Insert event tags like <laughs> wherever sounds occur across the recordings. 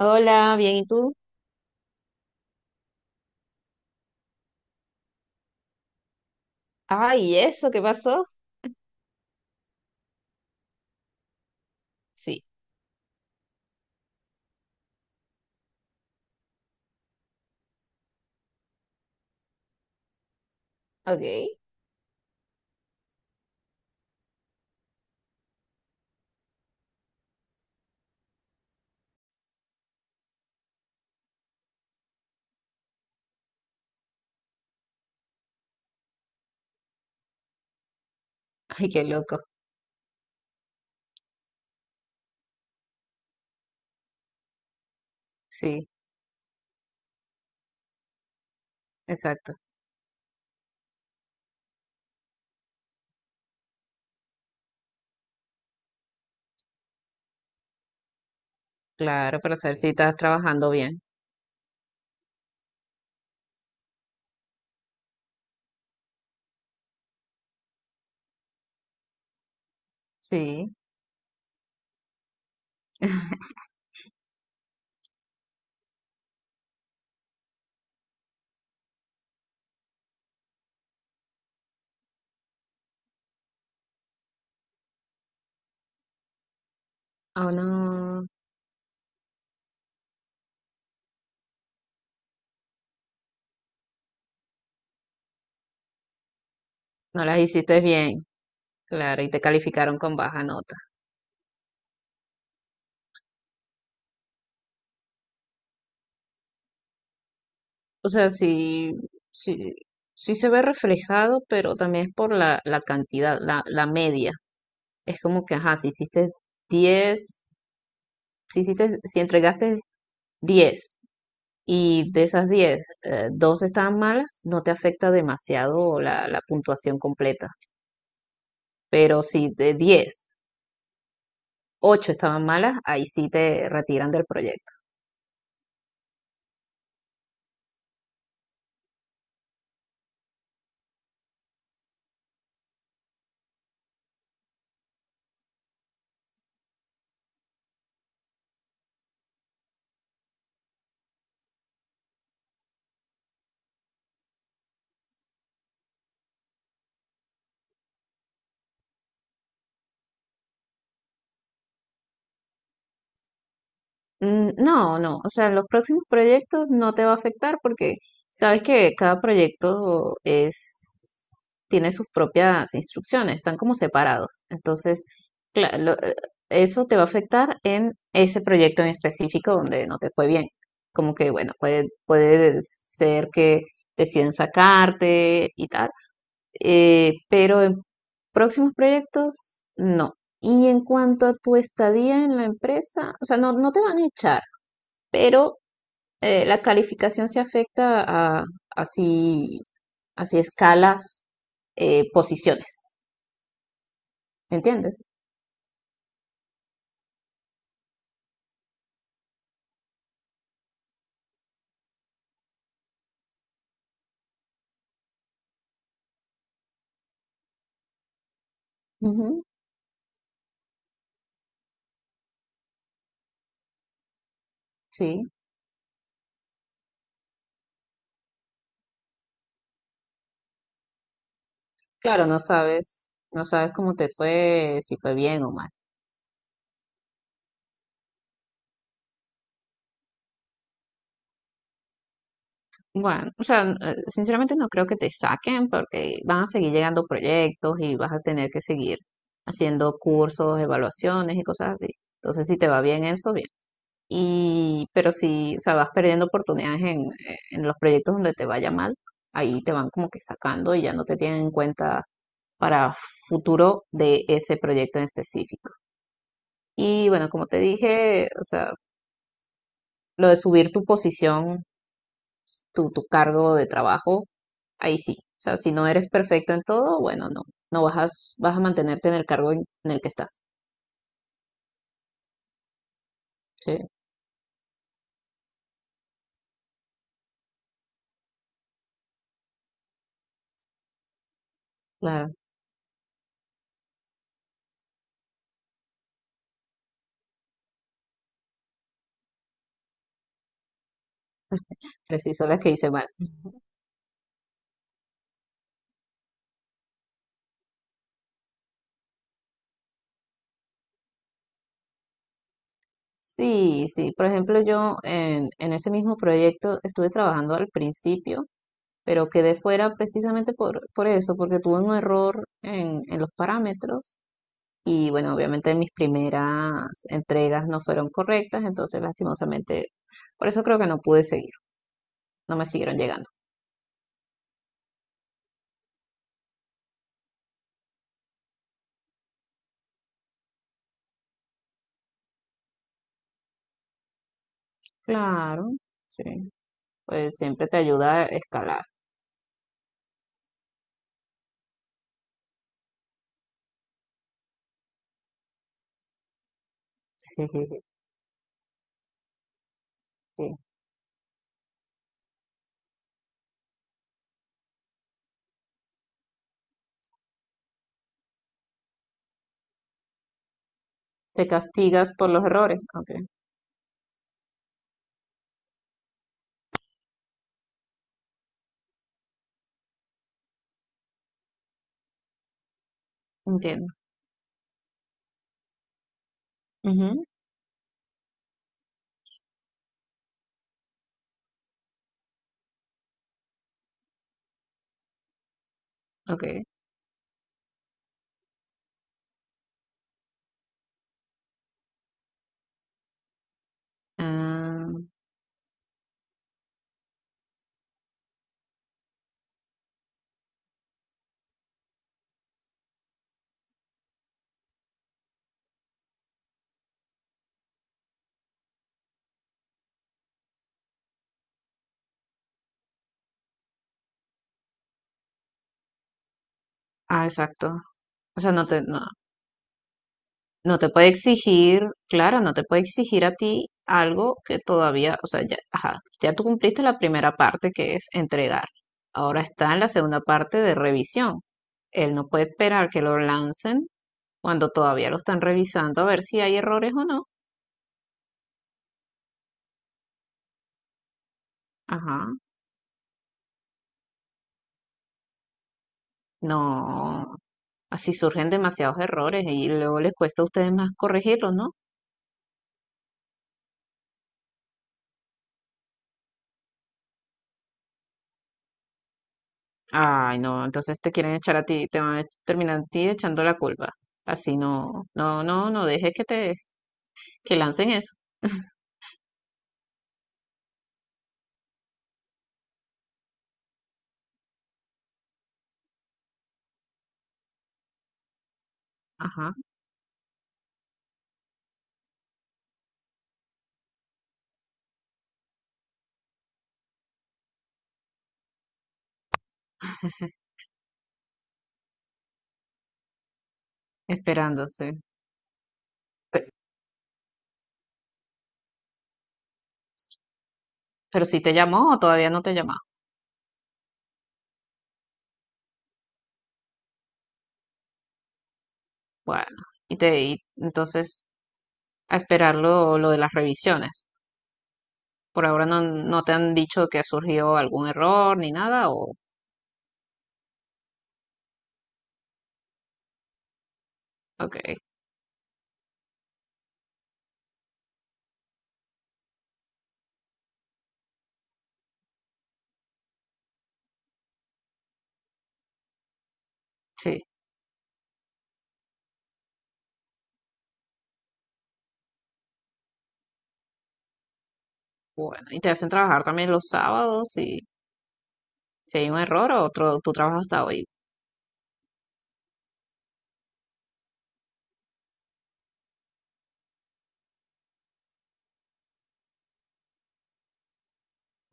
Hola, bien, ¿y tú? Ay, ¿y eso qué pasó? Sí, ok. Ay, qué loco. Sí, exacto. Claro, para saber si estás trabajando bien. Sí. O no, no las hiciste bien. Claro, y te calificaron con baja nota. O sea, sí, sí, sí se ve reflejado, pero también es por la cantidad, la media. Es como que, ajá, si hiciste 10, si entregaste 10. Y de esas 10 dos estaban malas, no te afecta demasiado la puntuación completa. Pero si de 10 8 estaban malas, ahí sí te retiran del proyecto. Mm, no, no, o sea, los próximos proyectos no te va a afectar porque sabes que cada proyecto es, tiene sus propias instrucciones, están como separados. Entonces, cla- lo- eh, eso te va a afectar en ese proyecto en específico donde no te fue bien. Como que, bueno, puede ser que deciden sacarte y tal, pero en próximos proyectos, no. Y en cuanto a tu estadía en la empresa, o sea, no, no te van a echar, pero la calificación se afecta a así, así escalas, posiciones, ¿entiendes? Ujú. Sí, claro, no sabes cómo te fue, si fue bien o mal. Bueno, o sea, sinceramente no creo que te saquen porque van a seguir llegando proyectos y vas a tener que seguir haciendo cursos, evaluaciones y cosas así. Entonces, si te va bien eso, bien. Y, pero si, o sea, vas perdiendo oportunidades en los proyectos donde te vaya mal, ahí te van como que sacando y ya no te tienen en cuenta para futuro de ese proyecto en específico. Y bueno, como te dije, o sea, lo de subir tu posición, tu cargo de trabajo, ahí sí. O sea, si no eres perfecto en todo, bueno, no, no vas a mantenerte en el cargo en el que estás. Sí, claro, preciso las que hice mal. Sí, sí. Por ejemplo, yo en ese mismo proyecto estuve trabajando al principio, pero quedé fuera precisamente por eso, porque tuve un error en los parámetros y bueno, obviamente mis primeras entregas no fueron correctas, entonces lastimosamente, por eso creo que no pude seguir, no me siguieron llegando. Claro, sí. Pues siempre te ayuda a escalar. <laughs> Sí. Te castigas por los errores. Ok, entiendo. Ujú, ok. Ah, ah, exacto. O sea, no te puede exigir, claro, no te puede exigir a ti algo que todavía, o sea, ya, ajá, ya tú cumpliste la primera parte que es entregar. Ahora está en la segunda parte de revisión. Él no puede esperar que lo lancen cuando todavía lo están revisando a ver si hay errores o no. Ajá, no, así surgen demasiados errores y luego les cuesta a ustedes más corregirlos, ¿no? Ay, no, entonces te quieren echar a ti, te van a terminar a ti echando la culpa. Así no, no, no, no dejes que lancen eso. Ajá, <laughs> esperándose. Pero, pero si te llamó o todavía no te llamó. Bueno, y entonces a esperar lo, de las revisiones. Por ahora no te han dicho que ha surgido algún error ni nada, o, ok, sí. Bueno, y te hacen trabajar también los sábados y si hay un error o otro, tú trabajas hasta hoy.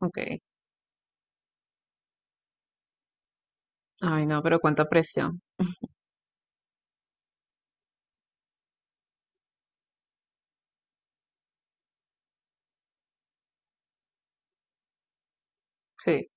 Ok. Ay, no, pero cuánta presión. Sí.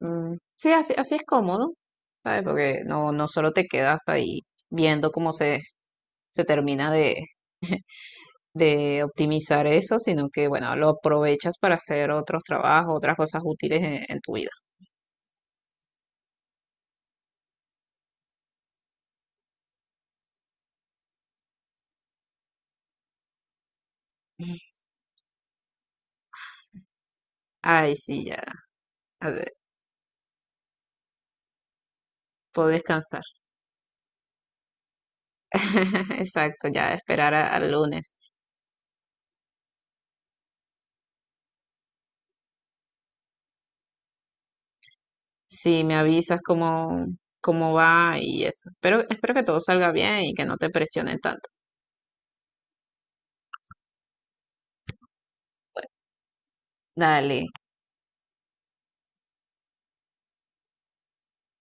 Mm, sí, así es cómodo, ¿sabes? Porque no solo te quedas ahí viendo cómo se termina de, <laughs> de optimizar eso, sino que, bueno, lo aprovechas para hacer otros trabajos, otras cosas útiles en, tu vida. <laughs> Ay, sí, ya, a ver, puedo descansar. <laughs> Exacto, ya esperar al lunes. Sí, me avisas cómo va y eso. Pero espero que todo salga bien y que no te presionen tanto. Dale.